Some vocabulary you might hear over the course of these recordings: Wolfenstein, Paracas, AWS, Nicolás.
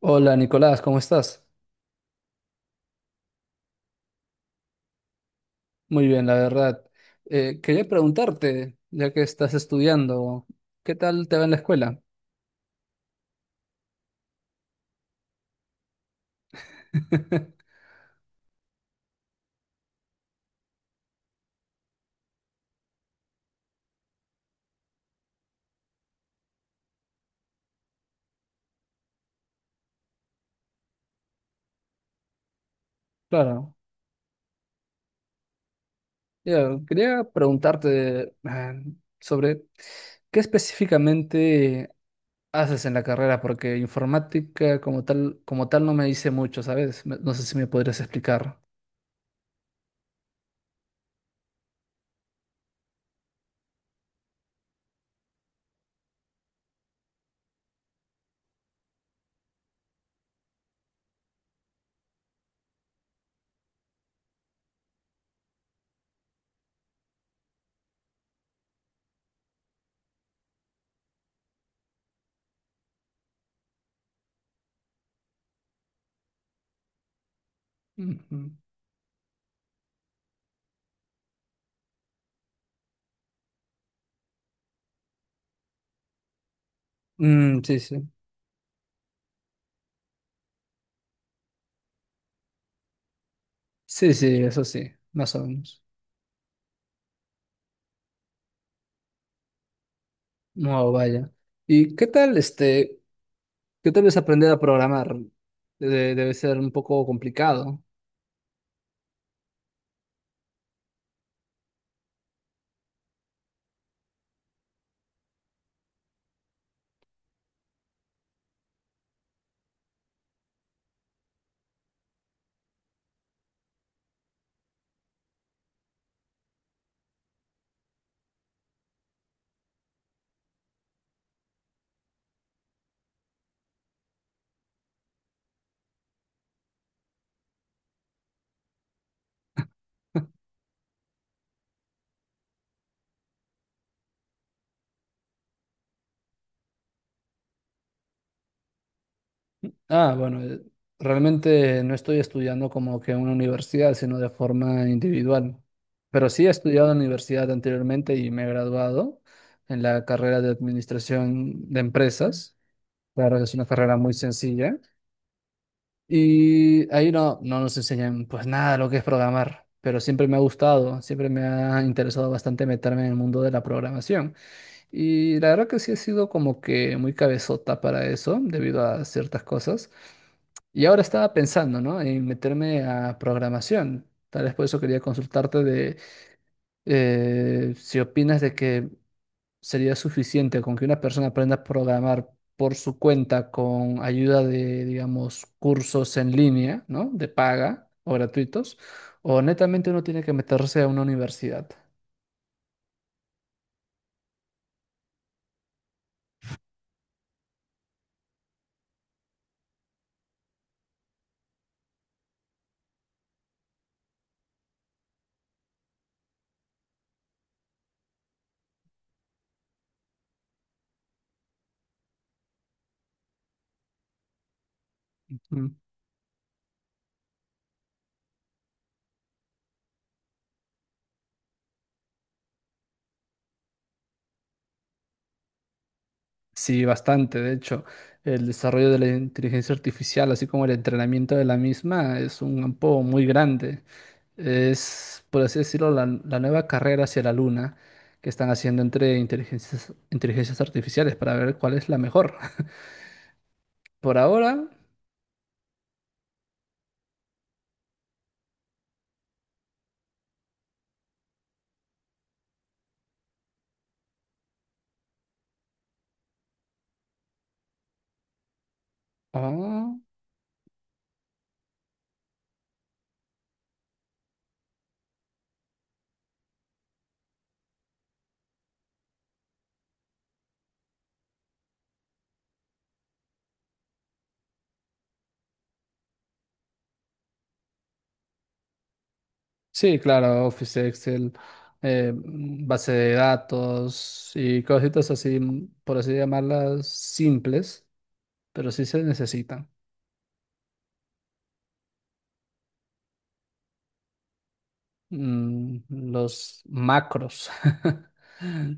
Hola Nicolás, ¿cómo estás? Muy bien, la verdad. Quería preguntarte, ya que estás estudiando, ¿qué tal te va en la escuela? Claro, ya, quería preguntarte sobre qué específicamente haces en la carrera, porque informática como tal no me dice mucho, ¿sabes? No sé si me podrías explicar. Ujú. Mm, sí, sí. Sí, sí, eso sí, más o menos. No, vaya. ¿Y qué tal este? Que tal vez aprender a programar debe ser un poco complicado. Ah, bueno, realmente no estoy estudiando como que en una universidad, sino de forma individual. Pero sí he estudiado en la universidad anteriormente y me he graduado en la carrera de administración de empresas. Claro, es una carrera muy sencilla. Y ahí no nos enseñan pues nada de lo que es programar, pero siempre me ha gustado, siempre me ha interesado bastante meterme en el mundo de la programación. Y la verdad que sí he sido como que muy cabezota para eso, debido a ciertas cosas. Y ahora estaba pensando, ¿no? En meterme a programación. Tal vez por eso quería consultarte de si opinas de que sería suficiente con que una persona aprenda a programar por su cuenta con ayuda de, digamos, cursos en línea, ¿no? De paga o gratuitos, o netamente uno tiene que meterse a una universidad. Sí, bastante. De hecho, el desarrollo de la inteligencia artificial, así como el entrenamiento de la misma, es un campo muy grande. Es, por así decirlo, la nueva carrera hacia la luna que están haciendo entre inteligencias artificiales para ver cuál es la mejor. Por ahora, ah, sí, claro, Office, Excel, base de datos y cositas así, por así llamarlas, simples, pero sí se necesitan. Mm, los macros.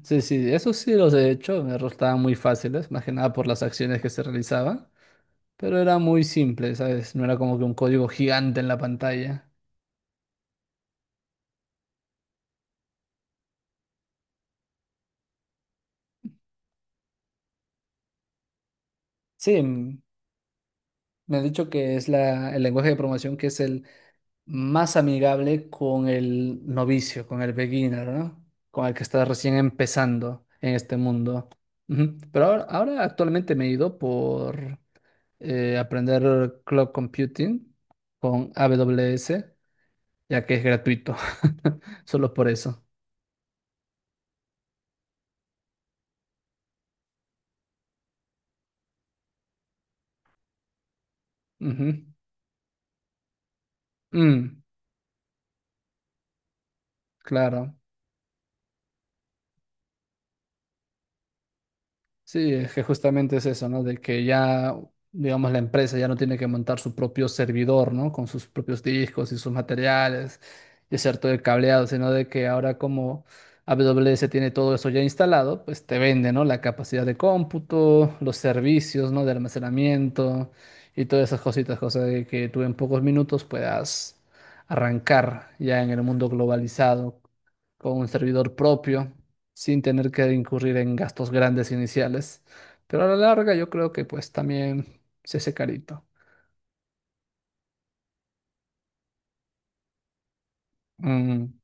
Sí, sí, eso sí los he hecho, me resultaban muy fáciles, más que nada por las acciones que se realizaban, pero era muy simple, ¿sabes? No era como que un código gigante en la pantalla. Sí, mm, me han dicho que es la, el lenguaje de programación que es el más amigable con el novicio, con el beginner, ¿no? Con el que está recién empezando en este mundo. Ujú. Pero ahora actualmente me he ido por aprender cloud computing con AWS, ya que es gratuito, solo por eso. Ujú. Mm, claro. Sí, es que justamente es eso, ¿no? De que ya, digamos, la empresa ya no tiene que montar su propio servidor, ¿no? Con sus propios discos y sus materiales y hacer todo el cableado, sino de que ahora como AWS tiene todo eso ya instalado, pues te vende, ¿no? La capacidad de cómputo, los servicios, ¿no? De almacenamiento y todas esas cositas, cosas de que tú en pocos minutos puedas arrancar ya en el mundo globalizado con un servidor propio sin tener que incurrir en gastos grandes iniciales. Pero a la larga yo creo que pues también se hace carito. Mm.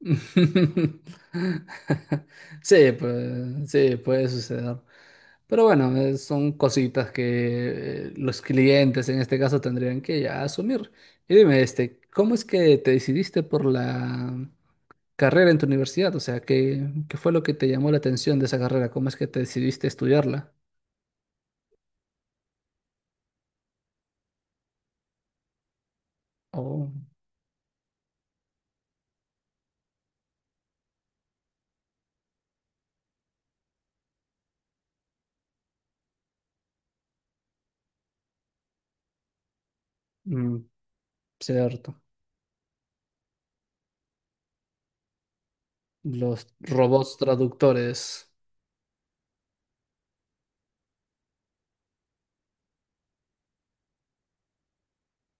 Sí, pues, sí, puede suceder. Pero bueno, son cositas que los clientes en este caso tendrían que ya asumir. Y dime, este, ¿cómo es que te decidiste por la carrera en tu universidad? O sea, ¿qué, qué fue lo que te llamó la atención de esa carrera? ¿Cómo es que te decidiste estudiarla? Oh, mm, cierto. Los robots traductores.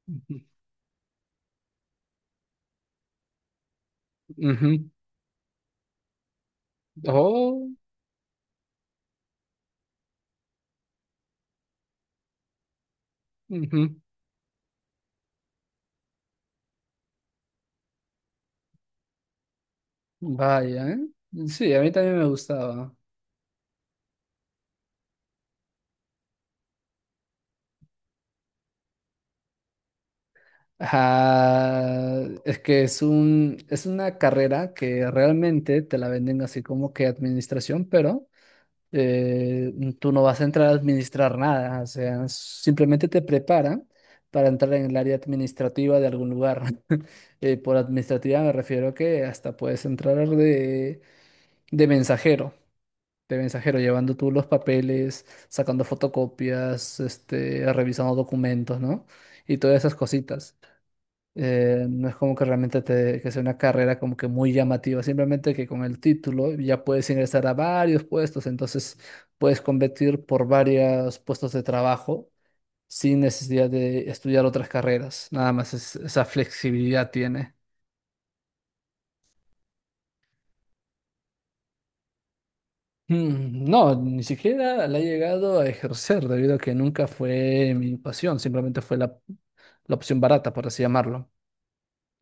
Ujú. Ujú. Oh, ujú. Vaya, ¿eh? Sí, a mí también me gustaba. Ah, es que es es una carrera que realmente te la venden así como que administración, pero eh, tú no vas a entrar a administrar nada, o sea, simplemente te preparan para entrar en el área administrativa de algún lugar. Por administrativa me refiero que hasta puedes entrar de mensajero, de mensajero, llevando tú los papeles, sacando fotocopias, este, revisando documentos, ¿no? Y todas esas cositas. No es como que realmente te, que sea una carrera como que muy llamativa, simplemente que con el título ya puedes ingresar a varios puestos, entonces puedes competir por varios puestos de trabajo sin necesidad de estudiar otras carreras. Nada más esa flexibilidad tiene. Mm, no, ni siquiera la he llegado a ejercer debido a que nunca fue mi pasión, simplemente fue la opción barata, por así llamarlo.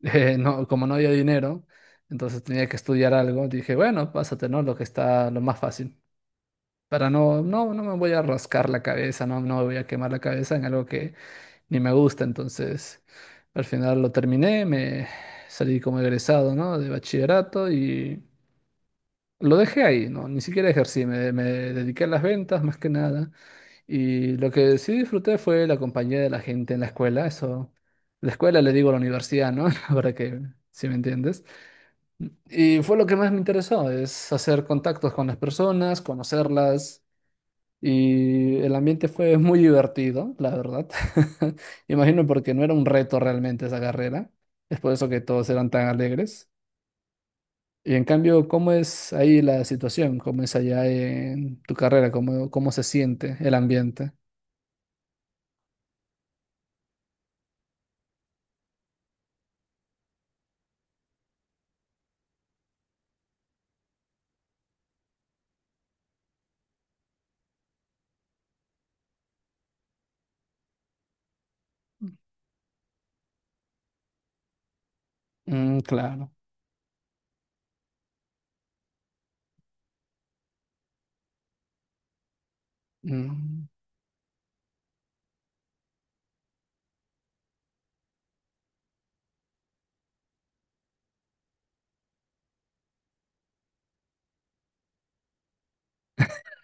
No, como no había dinero, entonces tenía que estudiar algo, dije, bueno, pásate, ¿no? Lo que está lo más fácil. Para no me voy a rascar la cabeza, no me voy a quemar la cabeza en algo que ni me gusta. Entonces, al final lo terminé, me salí como egresado, ¿no? De bachillerato y lo dejé ahí, ¿no? Ni siquiera ejercí, me dediqué a las ventas más que nada. Y lo que sí disfruté fue la compañía de la gente en la escuela, eso, la escuela le digo a la universidad, ¿no? Para que, si me entiendes. Y fue lo que más me interesó, es hacer contactos con las personas, conocerlas, y el ambiente fue muy divertido, la verdad. Imagino porque no era un reto realmente esa carrera, es por eso que todos eran tan alegres. Y en cambio, ¿cómo es ahí la situación? ¿Cómo es allá en tu carrera? ¿Cómo, cómo se siente el ambiente? Mm, claro. Mm.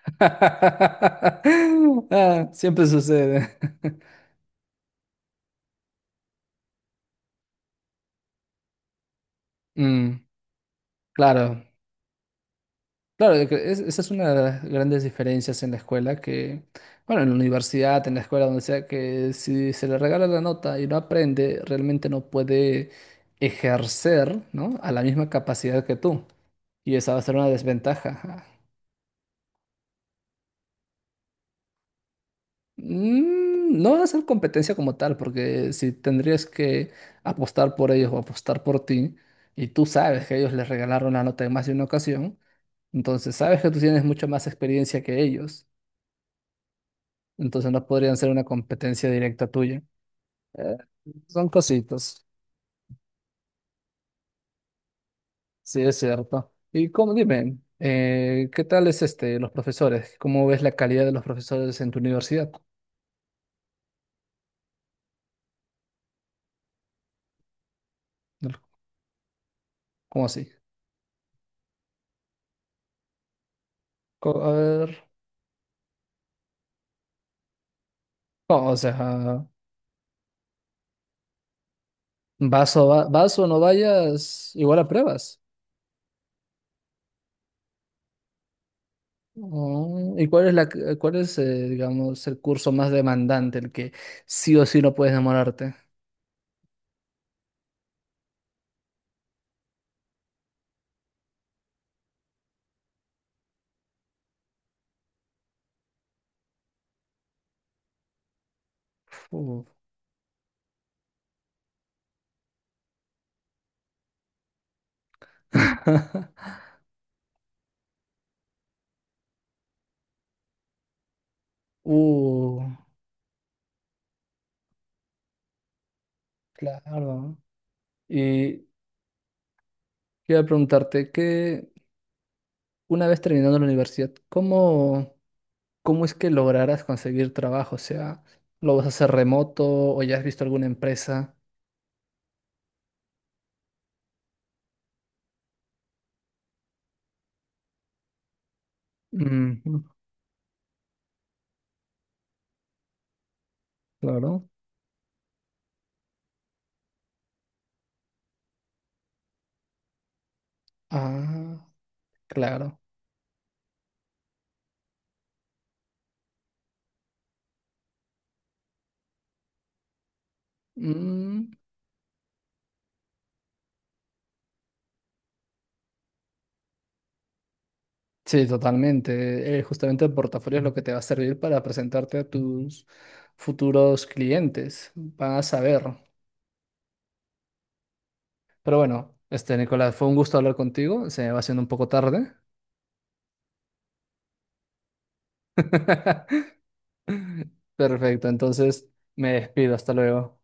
Ah, siempre sucede. Mm, claro, claro, yo esa es una de las grandes diferencias en la escuela que, bueno, en la universidad, en la escuela, donde sea, que si se le regala la nota y no aprende, realmente no puede ejercer, ¿no? A la misma capacidad que tú. Y esa va a ser una desventaja. Mm, no va a ser competencia como tal, porque si tendrías que apostar por ellos o apostar por ti, y tú sabes que ellos les regalaron la nota en más de una ocasión, entonces sabes que tú tienes mucha más experiencia que ellos, entonces no podrían ser una competencia directa tuya. Eh, son cositas, sí es cierto. Y como dime, ¿qué tal es este, los profesores? ¿Cómo ves la calidad de los profesores en tu universidad? ¿Cómo así? A ver, no, o sea... vas o no vayas, igual a pruebas. Oh, ¿y cuál es cuál es, digamos, el curso más demandante, el que sí o sí no puedes demorarte? Uh. Uh, claro. Y quería preguntarte que una vez terminando la universidad, ¿cómo, cómo es que lograrás conseguir trabajo? O sea, ¿lo vas a hacer remoto o ya has visto alguna empresa? Ujú, claro. Ah, claro. Mm, sí, totalmente. Justamente el portafolio es lo que te va a servir para presentarte a tus futuros clientes. Van a saber. Pero bueno, este, Nicolás, fue un gusto hablar contigo. Se me va haciendo un poco tarde. Perfecto, entonces me despido. Hasta luego.